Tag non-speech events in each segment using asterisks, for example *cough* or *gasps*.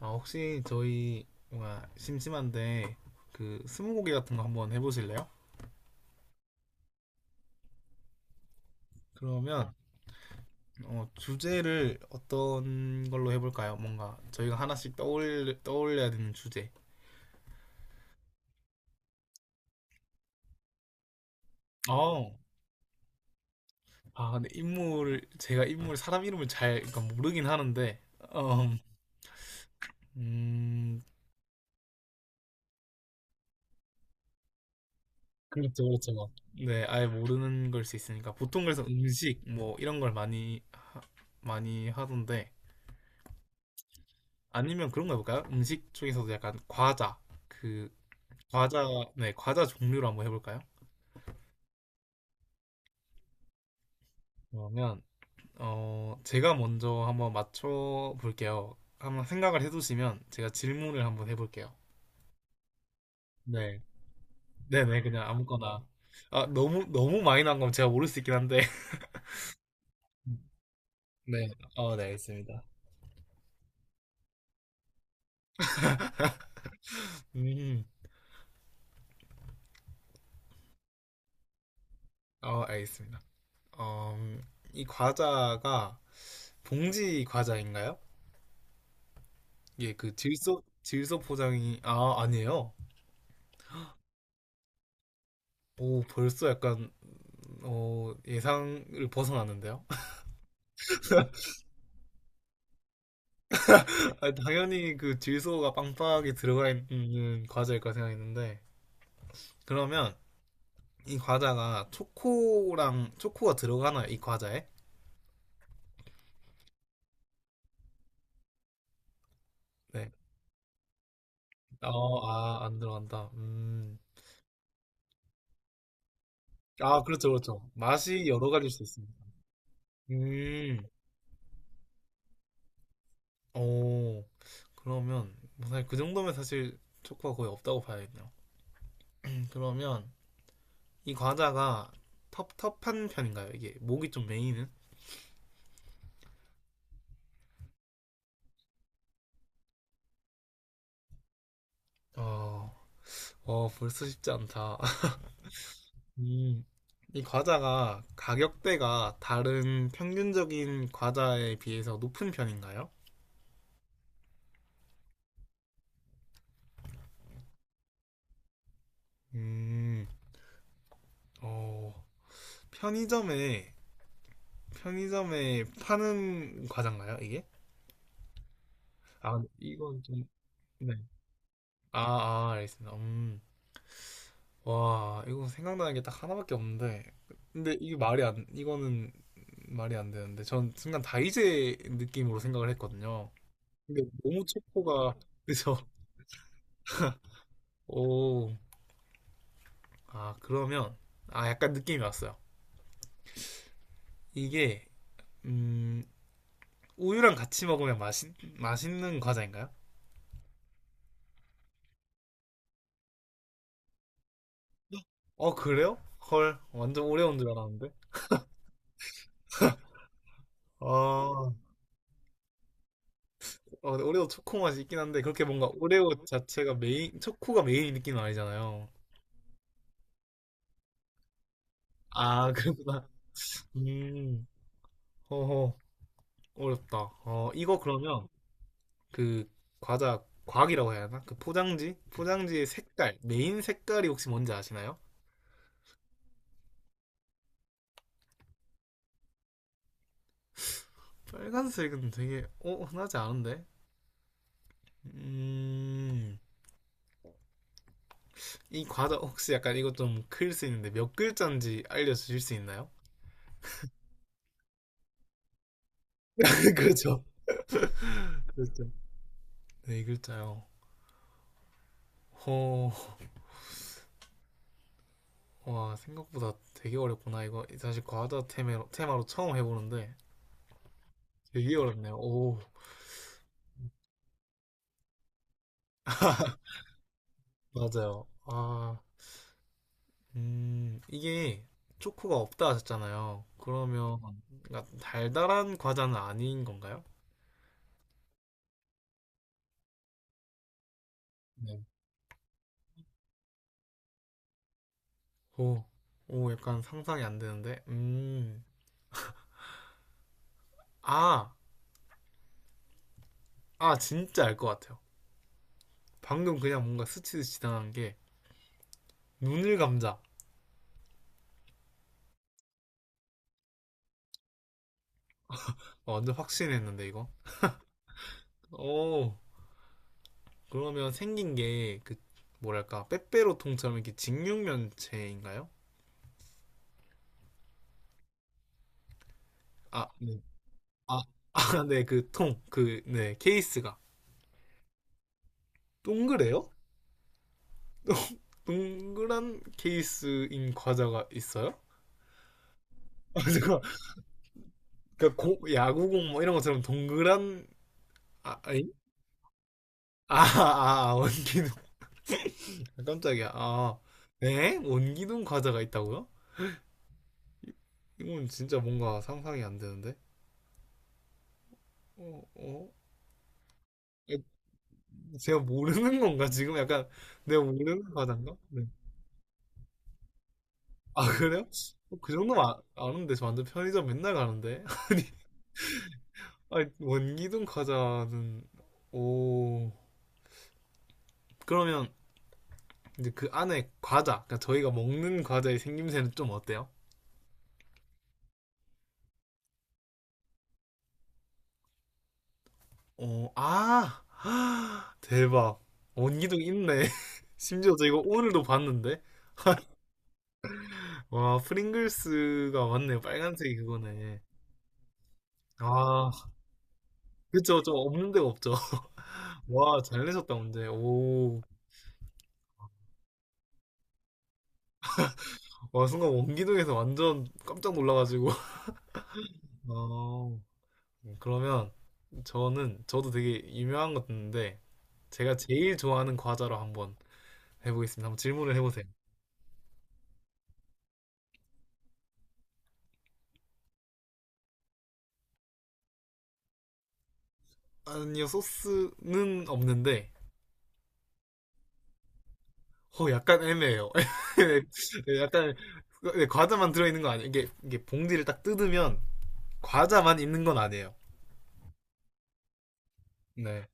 아, 혹시 저희 뭔가 심심한데 그 스무고개 같은 거 한번 해보실래요? 그러면 주제를 어떤 걸로 해볼까요? 뭔가 저희가 하나씩 떠올려야 되는 주제. 어. 아, 근데 인물 제가 인물 사람 이름을 잘 그러니까 모르긴 하는데 어, 음 그렇죠, 그렇죠. 네, 아예 모르는 걸 수 있으니까 보통 그래서 음식 뭐 이런 걸 많이 하던데. 아니면 그런 거 해볼까요? 음식 쪽에서도 약간 그 과자. 네, 과자 종류로 한번 해볼까요? 그러면 제가 먼저 한번 맞춰 볼게요. 한번 생각을 해두시면 제가 질문을 한번 해볼게요. 네, 네네, 그냥 아무거나. 아, 너무 너무 많이 난 거면 제가 모를 수 있긴 한데 *laughs* 네, 네, 알겠습니다. 음, 알겠습니다. 어, 음, 이 과자가 봉지 과자인가요? 예, 그 질소 포장이, 아, 아니에요. 오, 벌써 약간, 예상을 벗어나는데요? *laughs* 아, 당연히 그 질소가 빵빵하게 들어가 있는 과자일 까 생각했는데, 그러면 이 과자가 초코가 들어가나요? 이 과자에? 네. 안 들어간다. 음. 아, 그렇죠, 그렇죠. 맛이 여러 가지일 수 있습니다. 음. 오, 그러면, 뭐 사실 그 정도면 사실 초코가 거의 없다고 봐야겠네요. 그러면 이 과자가 텁텁한 편인가요? 이게 목이 좀 메이는? 어, 벌써 쉽지 않다. *laughs* 이 이 과자가 가격대가 다른 평균적인 과자에 비해서 높은 편인가요? 음, 어, 편의점에, 편의점에 파는 과자인가요, 이게? 아, 이건 좀, 네. 아, 알겠습니다. 와, 이거 생각나는 게 딱 하나밖에 없는데. 근데 이게 말이 안, 이거는 말이 안 되는데. 전 순간 다이제 느낌으로 생각을 했거든요. 근데 너무 초코가 그래서. *laughs* 오, 아, 그러면 아, 약간 느낌이 왔어요. 이게 음 우유랑 같이 먹으면 맛있는 과자인가요? 어, 그래요? 헐, 완전 오레오인 줄 알았는데. 아, 근데 오레오 초코 맛이 있긴 한데 그렇게 뭔가 오레오 자체가 메인, 초코가 메인 느낌은 아니잖아요. 아, *laughs* 그렇구나. 음, 허허, 어렵다. 이거 그러면 그 과자 과학이라고 해야 하나? 포장지의 색깔, 메인 색깔이 혹시 뭔지 아시나요? 빨간색은 되게 흔하지 않은데? 음, 이 과자 혹시 약간 이것 좀 클 수 있는데 몇 글자인지 알려주실 수 있나요? *laughs* 그렇죠. 그렇죠. 네 글자요. 허, 와, 생각보다 되게 어렵구나, 이거. 사실 과자 테마로 처음 해보는데 되게 어렵네요. 오, 맞아요. 아, 이게 초코가 없다 하셨잖아요. 그러면 뭔가 달달한 과자는 아닌 건가요? 네. 오, 오, 약간 상상이 안 되는데. 아, 아, 진짜 알 것 같아요. 방금 그냥 뭔가 스치듯 지나간 게 눈을 감자. 완전 확신했는데 이거. 오, 그러면 생긴 게 그 뭐랄까 빼빼로 통처럼 이렇게 직육면체인가요? 아, 네. 아, *laughs* 아, 네, 그 통, 네, 케이스가 동그래요? 동그란 케이스인 과자가 있어요? *laughs* 아, 잠깐. 그러니까 야구공 뭐 이런 것처럼 동그란. 아, 아니? 아, 원기둥. *laughs* 깜짝이야. 아, 네? 원기둥 과자가 있다고요? 이건 진짜 뭔가 상상이 안 되는데. 어, 어? 에, 제가 모르는 건가? 지금 약간 내가 모르는 과자인가? 네. 아, 그래요? 그 정도면 아, 아는데 저 완전 편의점 맨날 가는데. *laughs* 아니, 아니 원기둥 과자는. 오. 그러면 근데 그러니까 저희가 먹는 과자의 생김새는 좀 어때요? 어, 아, *gasps* 대박. 원기둥 있네. *laughs* 심지어 저 이거 오늘도 봤는데. 와, 프링글스가 맞네요. 빨간색이 그거네. 아, 그쵸. 좀 없는 데가 없죠. *laughs* 와, 잘 내셨다, 문제. 오. 와, 순간 원기둥에서 완전 깜짝 놀라가지고. *laughs* 아, 그러면 저도 되게 유명한 것 같은데, 제가 제일 좋아하는 과자로 한번 해보겠습니다. 한번 질문을 해보세요. 아니요, 소스는 없는데, 약간 애매해요. *laughs* 네, 약간, 네, 과자만 들어있는 거 아니에요. 이게 봉지를 딱 뜯으면, 과자만 있는 건 아니에요. 네.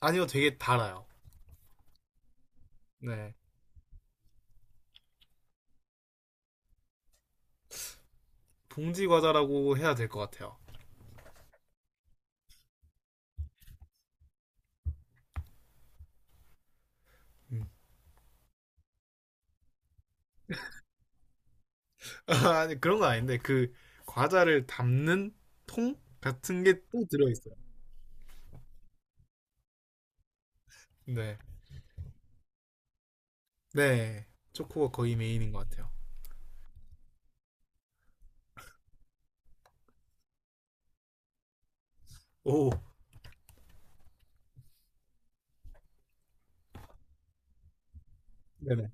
아니요, 되게 달아요. 네. 봉지 과자라고 해야 될 것 같아요. 음. *laughs* 아니, 그런 건 아닌데, 과자를 담는 통 같은 게 또 들어있어요. 네. 네. 초코가 거의 메인인 것 같아요. 오, 네네.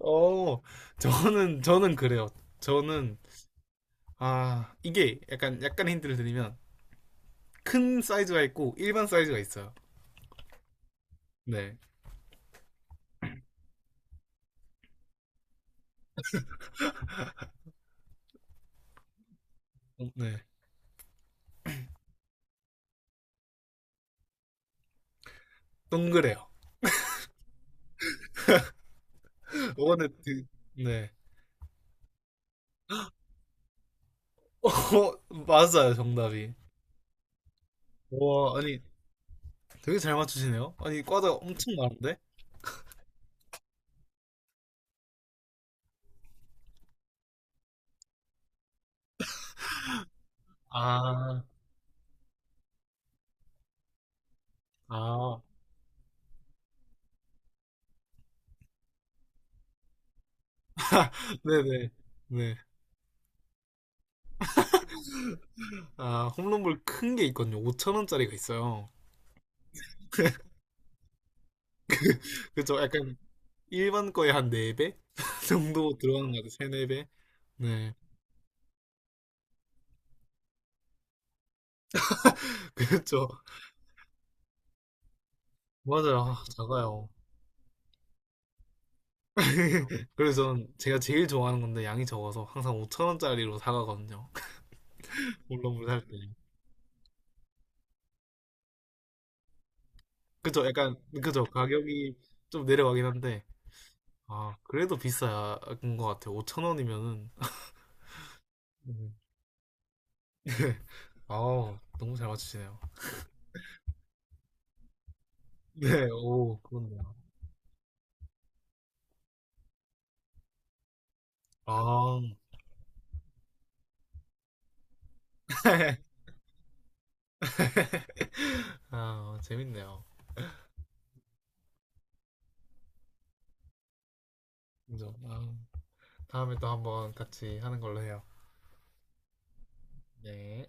어, 저는 그래요. 저는, 아, 이게 약간, 힌트를 드리면, 큰 사이즈가 있고, 일반 사이즈가 있어요. 네. 네. 동그래요. 요거는, 드- 네. 어, 맞아요, 정답이. 와, 아니, 되게 잘 맞추시네요. 아니, 과자 엄청 많은데? 아, 아. 네네. 네. 아, 홈런볼 큰 게 있거든요. 5천원짜리가 있어요. *laughs* 그죠? 약간, 일반 거의 한 4배? *laughs* 정도 들어가는 것 같아요. 3, 4배? 네. *laughs* 그렇죠. 맞아요. 아, 작아요. *laughs* 그래서 제가 제일 좋아하는 건데 양이 적어서 항상 5천원짜리로 사가거든요. *laughs* 올라물 살 때. 그죠? 약간, 그죠? 가격이 좀 내려가긴 한데, 아, 그래도 비싼 것 같아요. 5천원이면은. *laughs* 아, 너무 잘 맞추시네요. *laughs* 네, 오, 그렇네요. 아, *laughs* 아, 재밌네요. 그죠? 아, 다음에 또 한번 같이 하는 걸로 해요. 네.